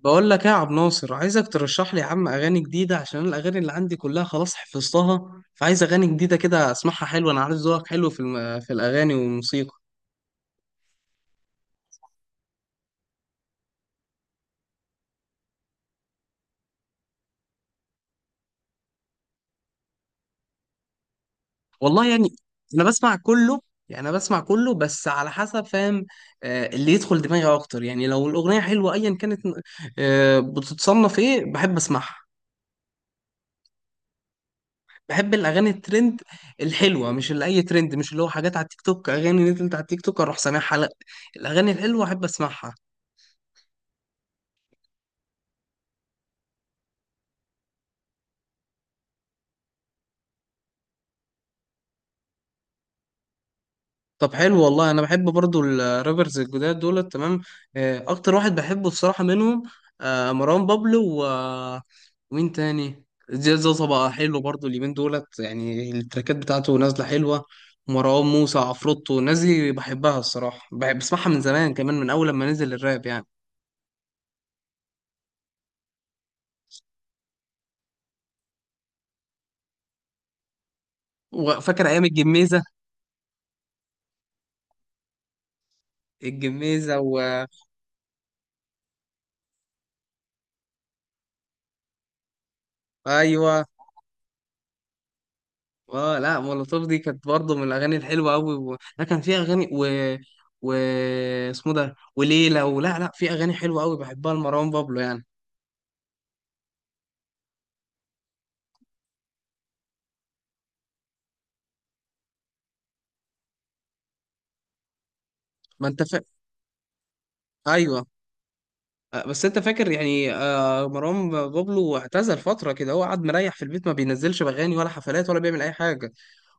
بقول لك ايه يا عبد ناصر، عايزك ترشح لي يا عم اغاني جديده عشان الاغاني اللي عندي كلها خلاص حفظتها، فعايز اغاني جديده كده اسمعها حلوه. انا عارف ذوقك حلو في في الاغاني والموسيقى. والله يعني انا بسمع كله. يعني انا بسمع كله بس على حسب، فاهم. اللي يدخل دماغي اكتر، يعني لو الاغنيه حلوه ايا كانت. بتتصنف ايه بحب اسمعها. بحب الاغاني الترند الحلوه، مش اللي اي ترند، مش اللي هو حاجات على التيك توك، اغاني نزلت على التيك توك اروح سامعها، لا. الاغاني الحلوه احب اسمعها. طب حلو والله، انا بحب برضو الرابرز الجداد دول، تمام. اكتر واحد بحبه بصراحة منهم، مروان بابلو ومين تاني، زياد زوزة بقى حلو برضو اليومين دولت، يعني التراكات بتاعته نازلة حلوة. مروان موسى، عفروتو، الناس دي بحبها الصراحة، بحب بسمعها من زمان، كمان من اول لما نزل الراب يعني. وفاكر ايام الجميزة. الجميزة ايوه. اه لا، مولوتوف دي كانت برضه من الاغاني الحلوه قوي، لا كان فيها اغاني و و اسمه ده، وليلى، ولا لا، في اغاني حلوه قوي بحبها لمروان بابلو يعني. ما انت فا... ايوه. بس انت فاكر يعني، مروان بابلو اعتزل فتره كده، هو قعد مريح في البيت، ما بينزلش اغاني ولا حفلات ولا بيعمل اي حاجه.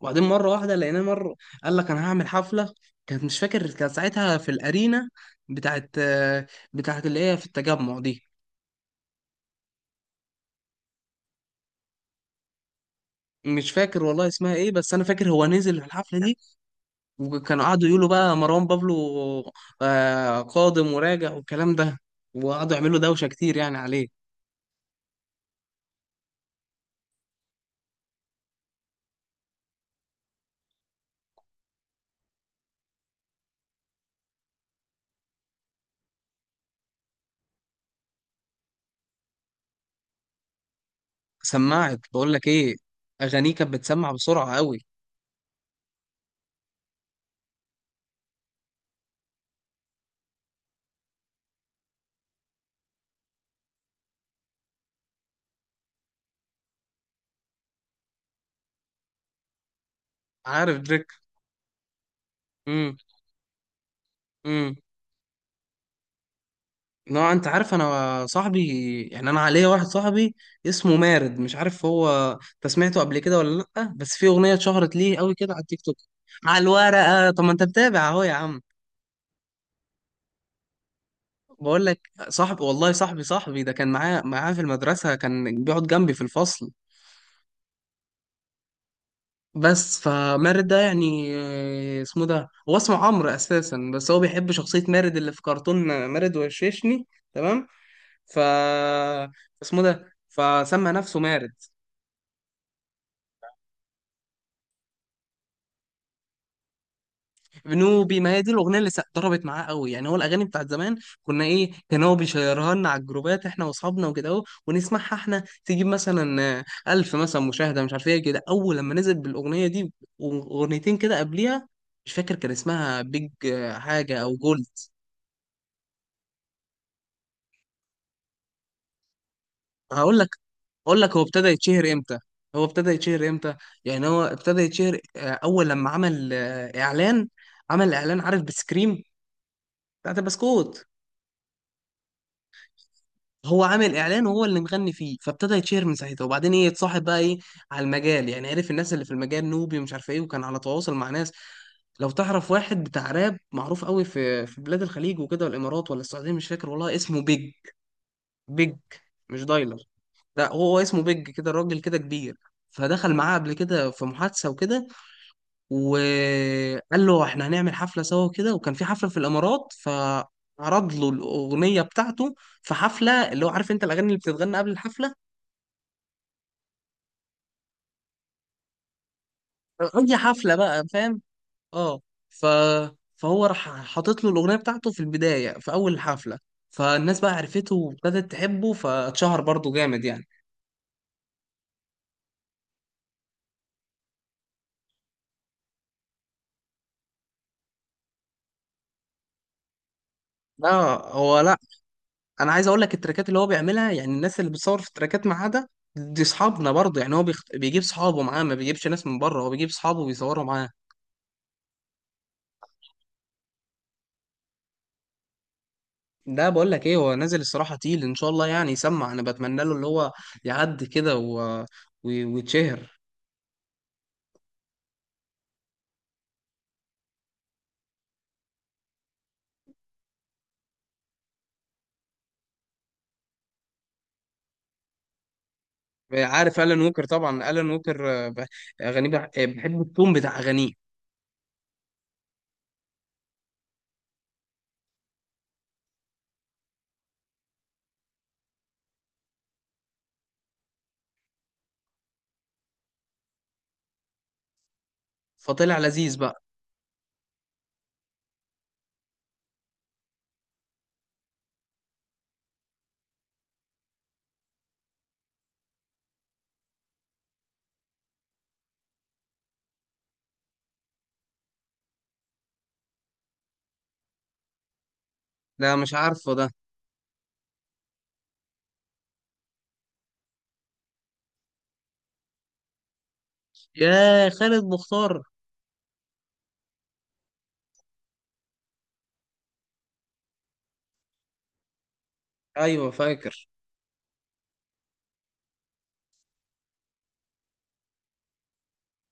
وبعدين مره واحده لقيناه، مره قال لك انا هعمل حفله. كانت، مش فاكر، كانت ساعتها في الارينا بتاعت آه، بتاعت اللي هي في التجمع دي. مش فاكر والله اسمها ايه، بس انا فاكر هو نزل الحفله دي. وكانوا قعدوا يقولوا بقى مروان بابلو قادم وراجع والكلام ده، وقعدوا يعملوا دوشة كتير يعني عليه. سمعت. بقول لك ايه، اغانيه كانت بتسمع بسرعة قوي. عارف دريك. امم امم نوع، انت عارف انا صاحبي، يعني انا عليا واحد صاحبي اسمه مارد. مش عارف هو انت سمعته قبل كده ولا لا، بس في اغنية اتشهرت ليه قوي كده على التيك توك. على الورقة، طب ما انت متابع اهو يا عم. بقول لك صاحبي والله، صاحبي ده كان معايا في المدرسة، كان بيقعد جنبي في الفصل. بس فمارد ده يعني، اسمه ده هو اسمه عمرو اساسا، بس هو بيحب شخصية مارد اللي في كرتون مارد وششني، تمام. ف اسمه ده فسمى نفسه مارد. بنوبي، ما هي دي الاغنيه اللي ضربت معاه قوي، يعني هو الاغاني بتاعت زمان كنا ايه، كان هو بيشيرها لنا على الجروبات احنا واصحابنا وكده اهو، ونسمعها احنا، تجيب مثلا ألف مثلا مشاهده مش عارف ايه كده اول لما نزل بالاغنيه دي. واغنيتين كده قبليها، مش فاكر كان اسمها بيج حاجه، او جولد. هقول لك اقول لك، هو ابتدى يتشهر امتى؟ هو ابتدى يتشهر امتى؟ يعني هو ابتدى يتشهر اول لما عمل اعلان. عمل اعلان عارف، بسكريم بتاعت البسكوت. هو عامل اعلان وهو اللي مغني فيه، فابتدى يتشهر من ساعتها. وبعدين ايه، اتصاحب بقى ايه على المجال يعني، عرف الناس اللي في المجال، نوبي ومش عارف ايه، وكان على تواصل مع ناس. لو تعرف واحد بتاع راب معروف قوي في بلاد الخليج وكده والامارات ولا السعوديه، مش فاكر والله اسمه، بيج. بيج، مش دايلر. لا هو اسمه بيج كده، راجل كده كبير. فدخل معاه قبل كده في محادثة وكده، وقال له احنا هنعمل حفلة سوا كده. وكان في حفلة في الإمارات، فعرض له الأغنية بتاعته في حفلة، اللي هو عارف انت الأغاني اللي بتتغنى قبل الحفلة، أي حفلة بقى، فاهم. اه. ف... فهو راح حاطط له الأغنية بتاعته في البداية، في أول الحفلة، فالناس بقى عرفته وابتدت تحبه، فاتشهر برضه جامد يعني. لا، هو لا، انا عايز اقول لك التراكات اللي هو بيعملها، يعني الناس اللي بتصور في التراكات معاه ده، دي اصحابنا برضه يعني. هو بيجيب صحابه معاه، ما بيجيبش ناس من بره، هو بيجيب صحابه وبيصوروا معاه. ده بقول لك ايه، هو نازل الصراحه تقيل، ان شاء الله يعني يسمع. انا بتمنى له اللي هو يعدي كده و... ويتشهر. عارف الان ووكر؟ طبعا الان ووكر، اغانيه بحب التون بتاع اغانيه. فطلع لذيذ بقى. لا مش عارفه ده. يا خالد مختار. ايوه فاكر.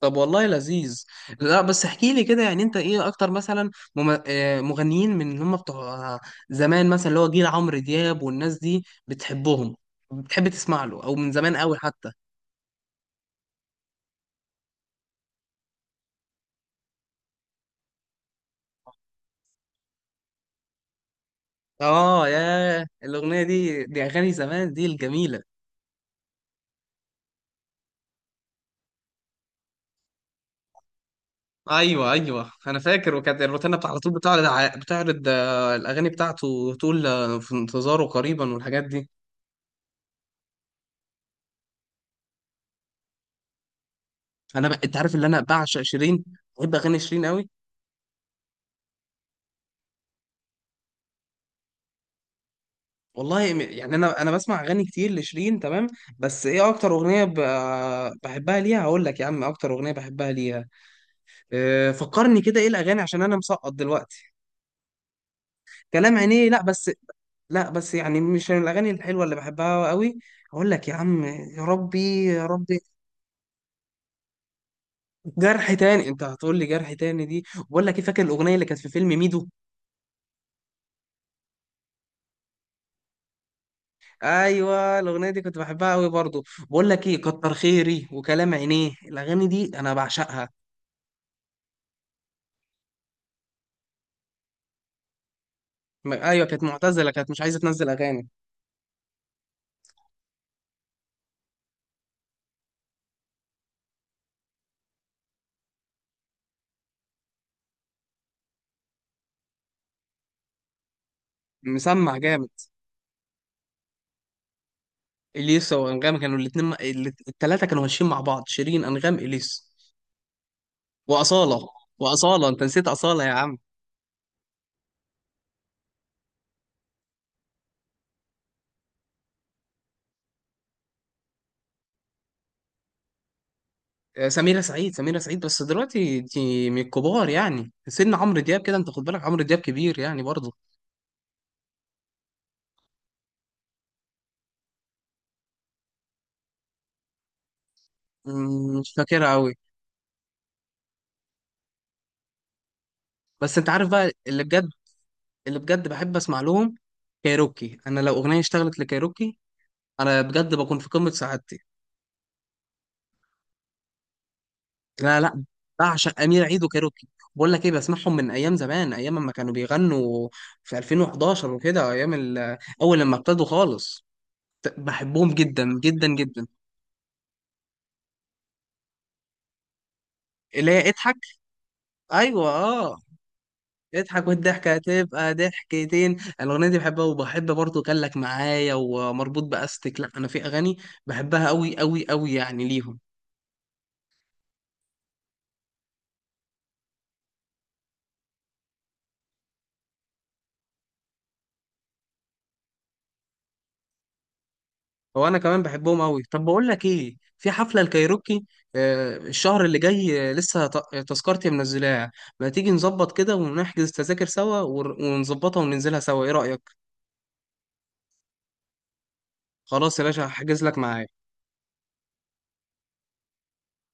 طب والله لذيذ. لا بس احكي لي كده، يعني انت ايه اكتر مثلا مغنيين من اللي هم بتوع زمان، مثلا اللي هو جيل عمرو دياب والناس دي، بتحبهم؟ بتحب تسمع له، او من زمان قوي حتى؟ اه يا، الاغنيه دي دي اغاني زمان دي الجميله. ايوه ايوه، انا فاكر. وكانت الروتانا بتاع على طول بتعرض بتعرض الاغاني بتاعته، وتقول في انتظاره قريبا والحاجات دي. انت عارف اللي انا بعشق شيرين. بحب اغاني شيرين قوي. والله يعني، انا بسمع اغاني كتير لشيرين، تمام. بس ايه اكتر اغنيه بحبها ليها، هقول لك يا عم اكتر اغنيه بحبها ليها. أه، فكرني كده ايه الاغاني، عشان انا مسقط دلوقتي. كلام عينيه، لا بس، لا بس يعني مش من الاغاني الحلوه اللي بحبها قوي. هقول لك يا عم، يا ربي يا ربي. جرح تاني، انت هتقول لي جرح تاني دي. بقول لك ايه، فاكر الاغنيه اللي كانت في فيلم ميدو؟ ايوه الاغنيه دي كنت بحبها قوي برضو. بقول لك ايه، كتر خيري وكلام عينيه الاغاني دي انا بعشقها. ايوه، كانت معتزله كانت مش عايزه تنزل اغاني. مسمع جامد. اليسا وانغام كانوا الاثنين، الثلاثه كانوا ماشيين مع بعض، شيرين انغام اليسا. واصاله، واصاله، انت نسيت اصاله يا عم. سميرة سعيد. سميرة سعيد بس دلوقتي دي من الكبار، يعني سن عمرو دياب كده، انت خد بالك عمرو دياب كبير يعني برضه. مم، مش فاكرها قوي. بس انت عارف بقى اللي بجد، اللي بجد بحب اسمع لهم، كايروكي. انا لو اغنيه اشتغلت لكايروكي انا بجد بكون في قمه سعادتي. لا لا، بعشق امير عيد وكايروكي. بقول لك ايه، بسمعهم من ايام زمان، ايام ما كانوا بيغنوا في 2011 وكده، ايام اول لما ابتدوا خالص. بحبهم جدا جدا جدا. اللي هي اضحك. ايوه اه، اضحك والضحكه هتبقى ضحكتين، الاغنيه دي بحبها. وبحب برضه كان لك معايا، ومربوط باستك، لا انا في اغاني بحبها قوي قوي قوي يعني ليهم. هو انا كمان بحبهم قوي. طب بقول لك ايه، في حفله الكايروكي الشهر اللي جاي، لسه تذكرتي منزلاها. ما تيجي نظبط كده ونحجز تذاكر سوا ونظبطها وننزلها سوا، ايه رايك؟ خلاص يا باشا، هحجز لك معايا.